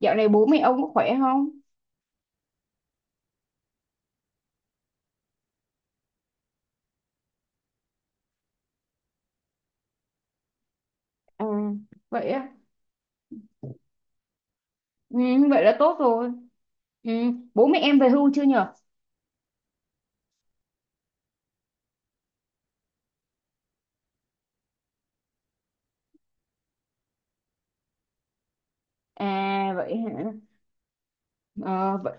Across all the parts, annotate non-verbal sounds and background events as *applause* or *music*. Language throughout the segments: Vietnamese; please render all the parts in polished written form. Dạo này bố mẹ ông có khỏe không? Ừ. Vậy á. Ừ, vậy là tốt rồi. Ừ, bố mẹ em về hưu chưa nhở? À vậy hả? Ờ, vậy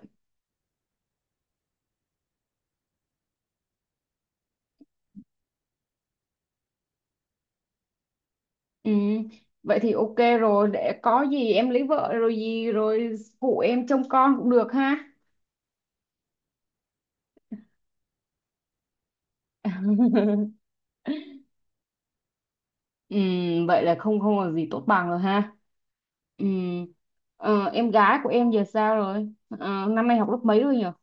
ừ, vậy thì ok rồi, để có gì em lấy vợ rồi gì rồi phụ em trông con cũng được ha. *laughs* Ừ, vậy là không không là gì tốt bằng rồi ha. Ừ. Ờ, em gái của em giờ sao rồi? Ờ, năm nay học lớp mấy rồi nhở?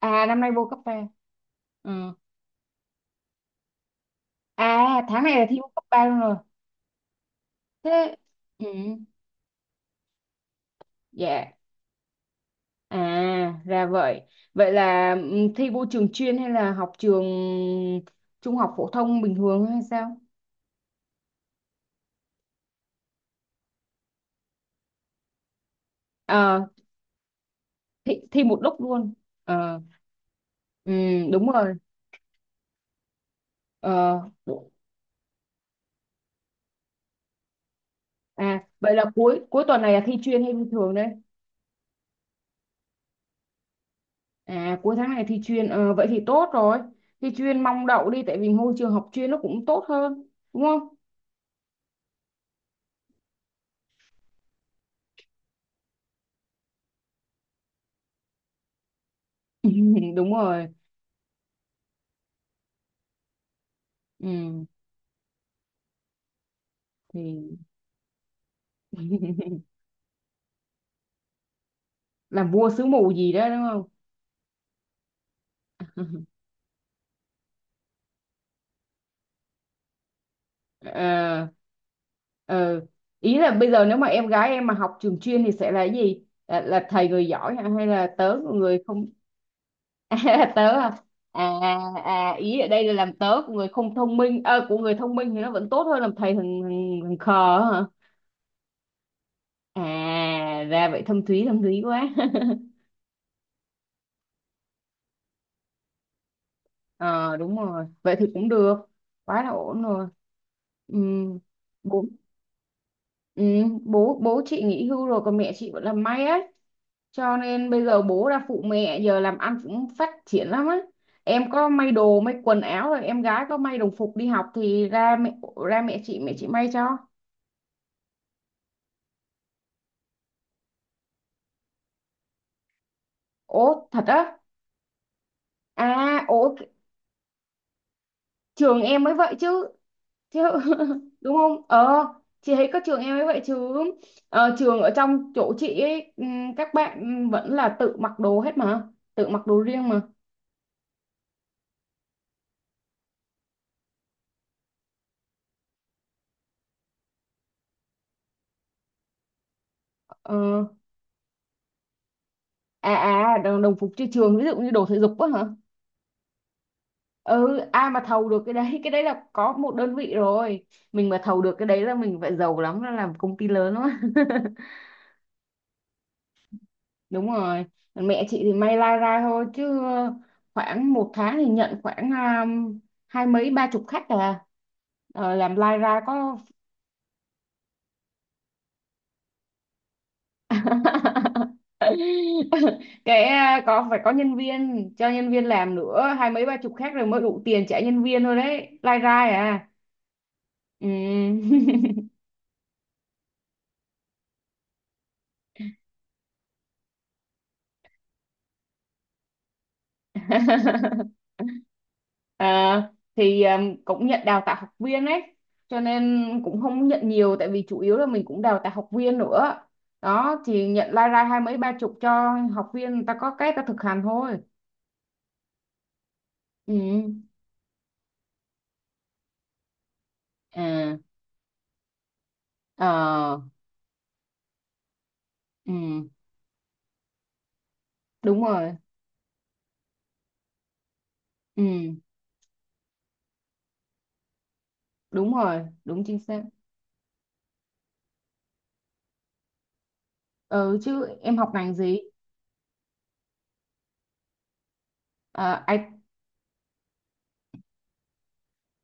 À năm nay vô cấp ba. Ừ. À tháng này là thi vô cấp 3 luôn rồi. Thế, ừ, dạ, à ra vậy. Vậy là thi vô trường chuyên hay là học trường trung học phổ thông bình thường hay sao? Ờ, thi, thi một lúc luôn. Ờ, ừ, đúng rồi. Ờ, đủ- à vậy là cuối cuối tuần này là thi chuyên hay bình thường đấy? À cuối tháng này thi chuyên. Ờ, vậy thì tốt rồi, thi chuyên mong đậu đi tại vì môi trường học chuyên nó cũng tốt hơn đúng không? *laughs* Đúng rồi. Ừ, thì *laughs* làm vua xứ mù gì đó đúng không? *laughs* ờ, ờ. Ý là bây giờ nếu mà em gái em mà học trường chuyên thì sẽ là cái gì, là thầy người giỏi hả, hay là tớ của người không? *laughs* À, tớ à? À, à ý ở đây là làm tớ của người không thông minh của người thông minh thì nó vẫn tốt hơn làm thầy thằng khờ hả? À ra vậy, thâm thúy quá. *laughs* Ờ đúng rồi, vậy thì cũng được, quá là ổn rồi. Ừ. bố ừ. bố bố chị nghỉ hưu rồi còn mẹ chị vẫn làm may á, cho nên bây giờ bố ra phụ mẹ, giờ làm ăn cũng phát triển lắm á. Em có may đồ may quần áo rồi em gái có may đồng phục đi học thì ra mẹ, ra mẹ chị may cho. Ố thật á? À ố, trường em mới vậy chứ. chứ *laughs* Đúng không? Ờ, chị thấy có trường em mới vậy chứ. Ờ, trường ở trong chỗ chị ấy, các bạn vẫn là tự mặc đồ hết mà, tự mặc đồ riêng mà. Ờ, à à đồng phục trên trường ví dụ như đồ thể dục á hả? Ừ, ai mà thầu được cái đấy, cái đấy là có một đơn vị rồi, mình mà thầu được cái đấy là mình phải giàu lắm, là làm công ty lớn lắm. *laughs* Đúng rồi. Còn mẹ chị thì may lai rai thôi chứ khoảng một tháng thì nhận khoảng um, hai mấy ba chục khách à. Ờ, làm lai ra có *laughs* cái có phải có nhân viên, cho nhân viên làm nữa, hai mấy ba chục khách rồi mới đủ tiền trả nhân viên thôi đấy, lai ra à. Ừ. *laughs* *laughs* À, thì cũng nhận đào tạo học viên ấy, cho nên cũng không nhận nhiều tại vì chủ yếu là mình cũng đào tạo học viên nữa. Đó thì nhận lai rai hai mấy ba chục cho học viên người ta có cái người ta thực hành thôi. Ừ. À. Ờ. Ừ đúng rồi. Ừ đúng rồi đúng chính xác. Ừ chứ em học ngành gì? À,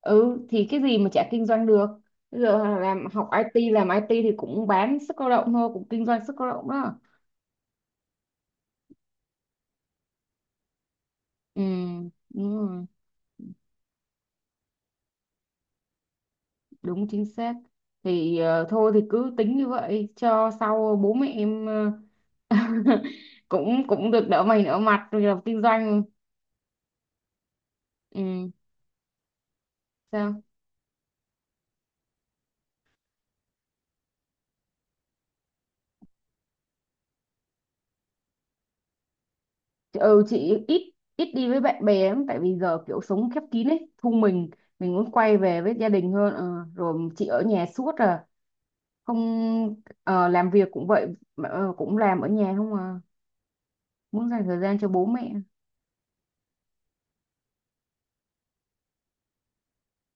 ừ thì cái gì mà chả kinh doanh được, bây giờ làm học IT làm IT thì cũng bán sức lao động thôi, cũng kinh doanh sức lao động đó. Ừ, đúng rồi, đúng chính xác. Thì thôi thì cứ tính như vậy cho sau bố mẹ em ờ, *laughs* cũng cũng được đỡ mày đỡ mặt rồi làm kinh doanh. Ừ, sao? Ừ chị ít ít đi với bạn bè lắm tại vì giờ kiểu sống khép kín ấy, thu mình muốn quay về với gia đình hơn. Ờ, rồi chị ở nhà suốt à? Không. Ờ, làm việc cũng vậy, ờ, cũng làm ở nhà không à, muốn dành thời gian cho bố mẹ.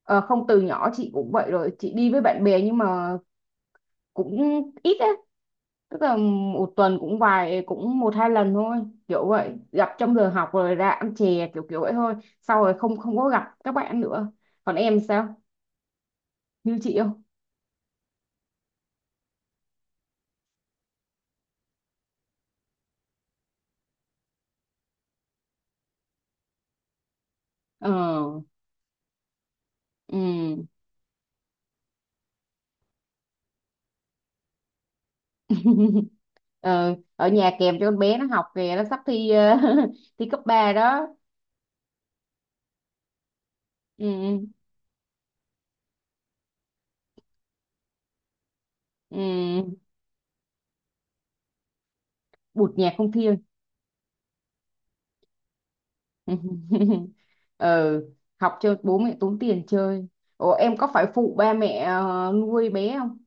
Ờ, không từ nhỏ chị cũng vậy rồi, chị đi với bạn bè nhưng mà cũng ít á, tức là một tuần cũng vài cũng một hai lần thôi, kiểu vậy gặp trong giờ học rồi ra ăn chè kiểu kiểu vậy thôi, sau rồi không không có gặp các bạn nữa. Còn em sao, như chị không? Ờ. Ừ. Ờ, ở nhà kèm cho con bé nó học kìa, nó sắp thi ờ, *laughs* thi cấp 3 đó. Ừ. Ừ. Bụt nhạc không thiêng. *laughs* Ừ. Học cho bố mẹ tốn tiền chơi. Ủa em có phải phụ ba mẹ nuôi bé không?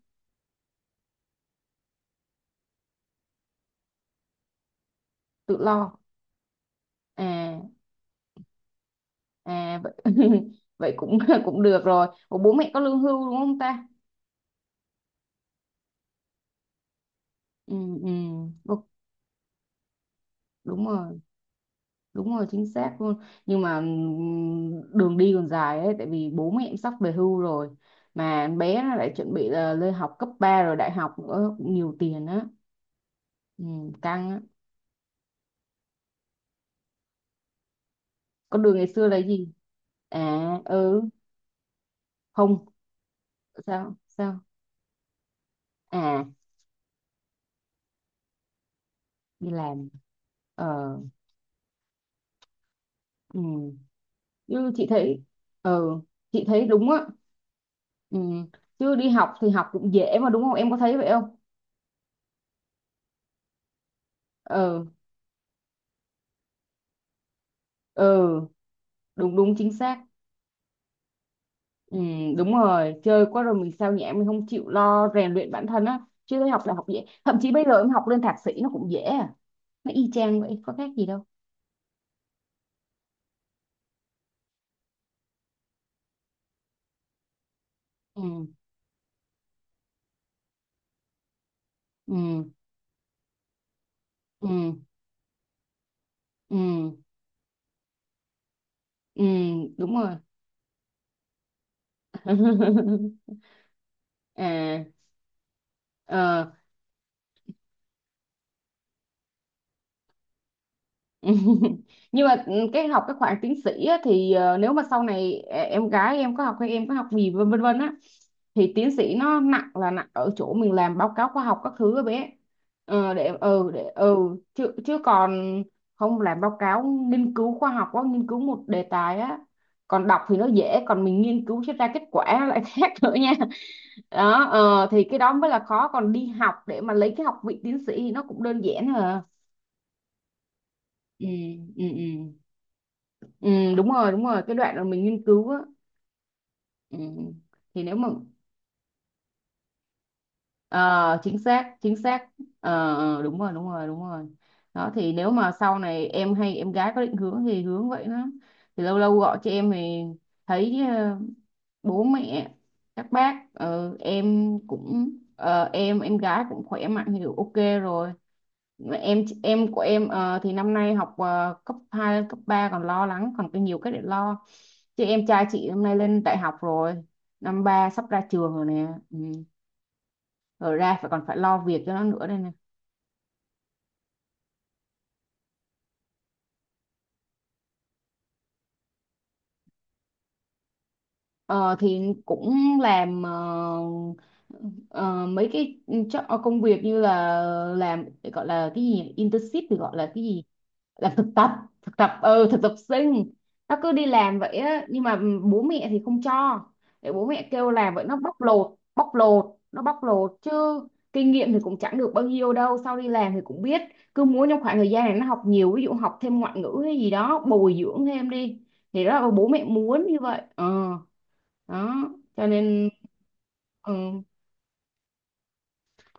Tự lo à. À vậy, *laughs* vậy cũng *laughs* cũng được rồi, ủa bố mẹ có lương hưu đúng không ta? Ừ. Ừ. Ô, đúng rồi, đúng rồi chính xác luôn. Nhưng mà đường đi còn dài ấy tại vì bố mẹ em sắp về hưu rồi, mà bé nó lại chuẩn bị là lên học cấp 3 rồi đại học nữa cũng nhiều tiền á. Ừ, căng á. Con đường ngày xưa là gì? À. Ừ. Không. Sao sao? À đi làm. Ờ. Ừ. Chứ chị thấy ờ chị thấy đúng á. Ừ. Chứ đi học thì học cũng dễ mà đúng không, em có thấy vậy không? Ờ. Ờ đúng đúng chính xác. Ừ, đúng rồi, chơi quá rồi mình sao nhãng, mình không chịu lo rèn luyện bản thân á, chứ thấy học là học dễ, thậm chí bây giờ em học lên thạc sĩ nó cũng dễ à, nó y chang vậy có khác gì đâu. Ừ. Ừ. Ừ. Ừ. Ừ đúng rồi. *laughs* À. Ờ. *laughs* Nhưng mà cái học cái khoảng tiến sĩ á, thì ờ, nếu mà sau này em gái em có học hay em có học gì vân vân vân á, thì tiến sĩ nó nặng là nặng ở chỗ mình làm báo cáo khoa học các thứ á bé, ờ, để ừ chứ chứ còn không, làm báo cáo nghiên cứu khoa học quá, nghiên cứu một đề tài á, còn đọc thì nó dễ còn mình nghiên cứu cho ra kết quả nó lại *laughs* khác nữa nha. Đó ờ, thì cái đó mới là khó, còn đi học để mà lấy cái học vị tiến sĩ thì nó cũng đơn giản hả. Ừ. Ừ. Ừ. Ừ, đúng rồi cái đoạn mà mình nghiên cứu á. Ừ. Thì nếu mà ờ, chính xác chính xác. Ờ, ờ, đúng rồi đúng rồi đúng rồi. Đó thì nếu mà sau này em hay em gái có định hướng thì hướng vậy đó, thì lâu lâu gọi cho em thì thấy ờ, bố mẹ các bác ờ, em cũng ờ, em gái cũng khỏe mạnh thì ok rồi. Em của em ờ, thì năm nay học ờ, cấp 2 cấp 3 còn lo lắng, còn có nhiều cái để lo, chứ em trai chị hôm nay lên đại học rồi, năm ba sắp ra trường rồi nè. Ừ. Rồi ra phải còn phải lo việc cho nó nữa đây nè. Ờ, thì cũng làm ờ, ờ, mấy cái ờ, công việc như là làm, gọi là cái gì nhỉ? Internship thì gọi là cái gì, làm thực tập, thực tập ừ thực tập sinh. Nó cứ đi làm vậy á nhưng mà bố mẹ thì không cho, để bố mẹ kêu làm vậy nó bóc lột bóc lột, nó bóc lột chứ. Kinh nghiệm thì cũng chẳng được bao nhiêu đâu, sau đi làm thì cũng biết. Cứ muốn trong khoảng thời gian này nó học nhiều, ví dụ học thêm ngoại ngữ hay gì đó bồi dưỡng thêm đi, thì đó là bố mẹ muốn như vậy ờ. Đó cho nên ừ,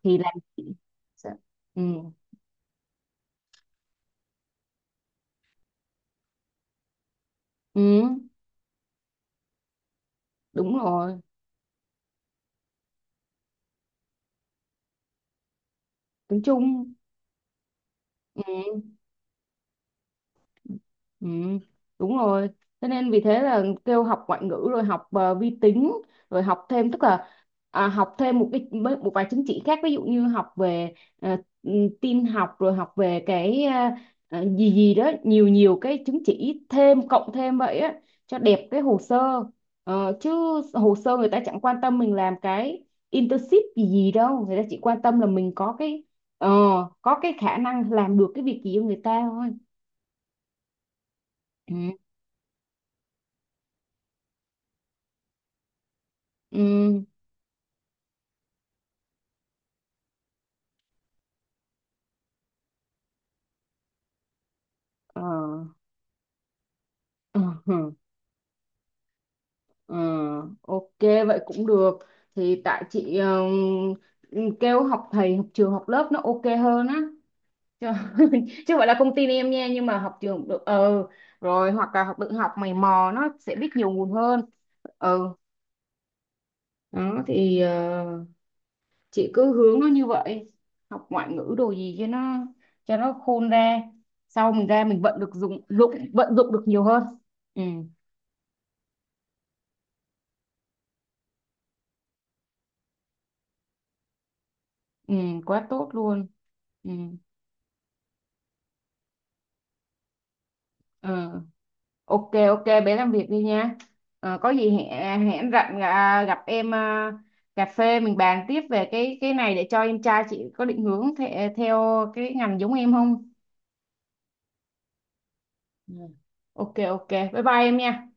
thì làm ừ, ừ đúng rồi, tiếng Trung. Ừ. Ừ, đúng rồi. Thế nên vì thế là kêu học ngoại ngữ rồi học ờ, vi tính rồi học thêm, tức là à, học thêm một cái một vài chứng chỉ khác, ví dụ như học về ờ, ừ, tin học rồi học về cái ờ, ờ, gì gì đó nhiều nhiều cái chứng chỉ thêm cộng thêm vậy á, cho đẹp cái hồ sơ. Ờ, chứ hồ sơ người ta chẳng quan tâm mình làm cái internship gì gì đâu, người ta chỉ quan tâm là mình có cái ờ, có cái khả năng làm được cái việc gì cho người ta thôi. Ừ. Ừ, ờ, ờ, ờ, ok vậy cũng được, thì tại chị ờ, ừ, kêu học thầy học trường học lớp nó ok hơn á chứ, *laughs* chứ không phải là công ty em nha nhưng mà học trường cũng được ờ, rồi hoặc là học tự học mày mò nó sẽ biết nhiều nguồn hơn. Ừ. Đó thì ờ, chị cứ hướng nó như vậy, học ngoại ngữ đồ gì cho nó, cho nó khôn ra, sau mình ra mình vận được dụng dụng vận dụng được nhiều hơn. Ừ. Ừ, quá tốt luôn. Ừ, ừ. Ok, ok, bé làm việc đi nha. Ờ, có gì hẹn à, hẹn rảnh à, gặp em à, cà phê mình bàn tiếp về cái này để cho em trai chị có định hướng theo cái ngành giống em không? Ừ. Ok, ok, bye bye em nha.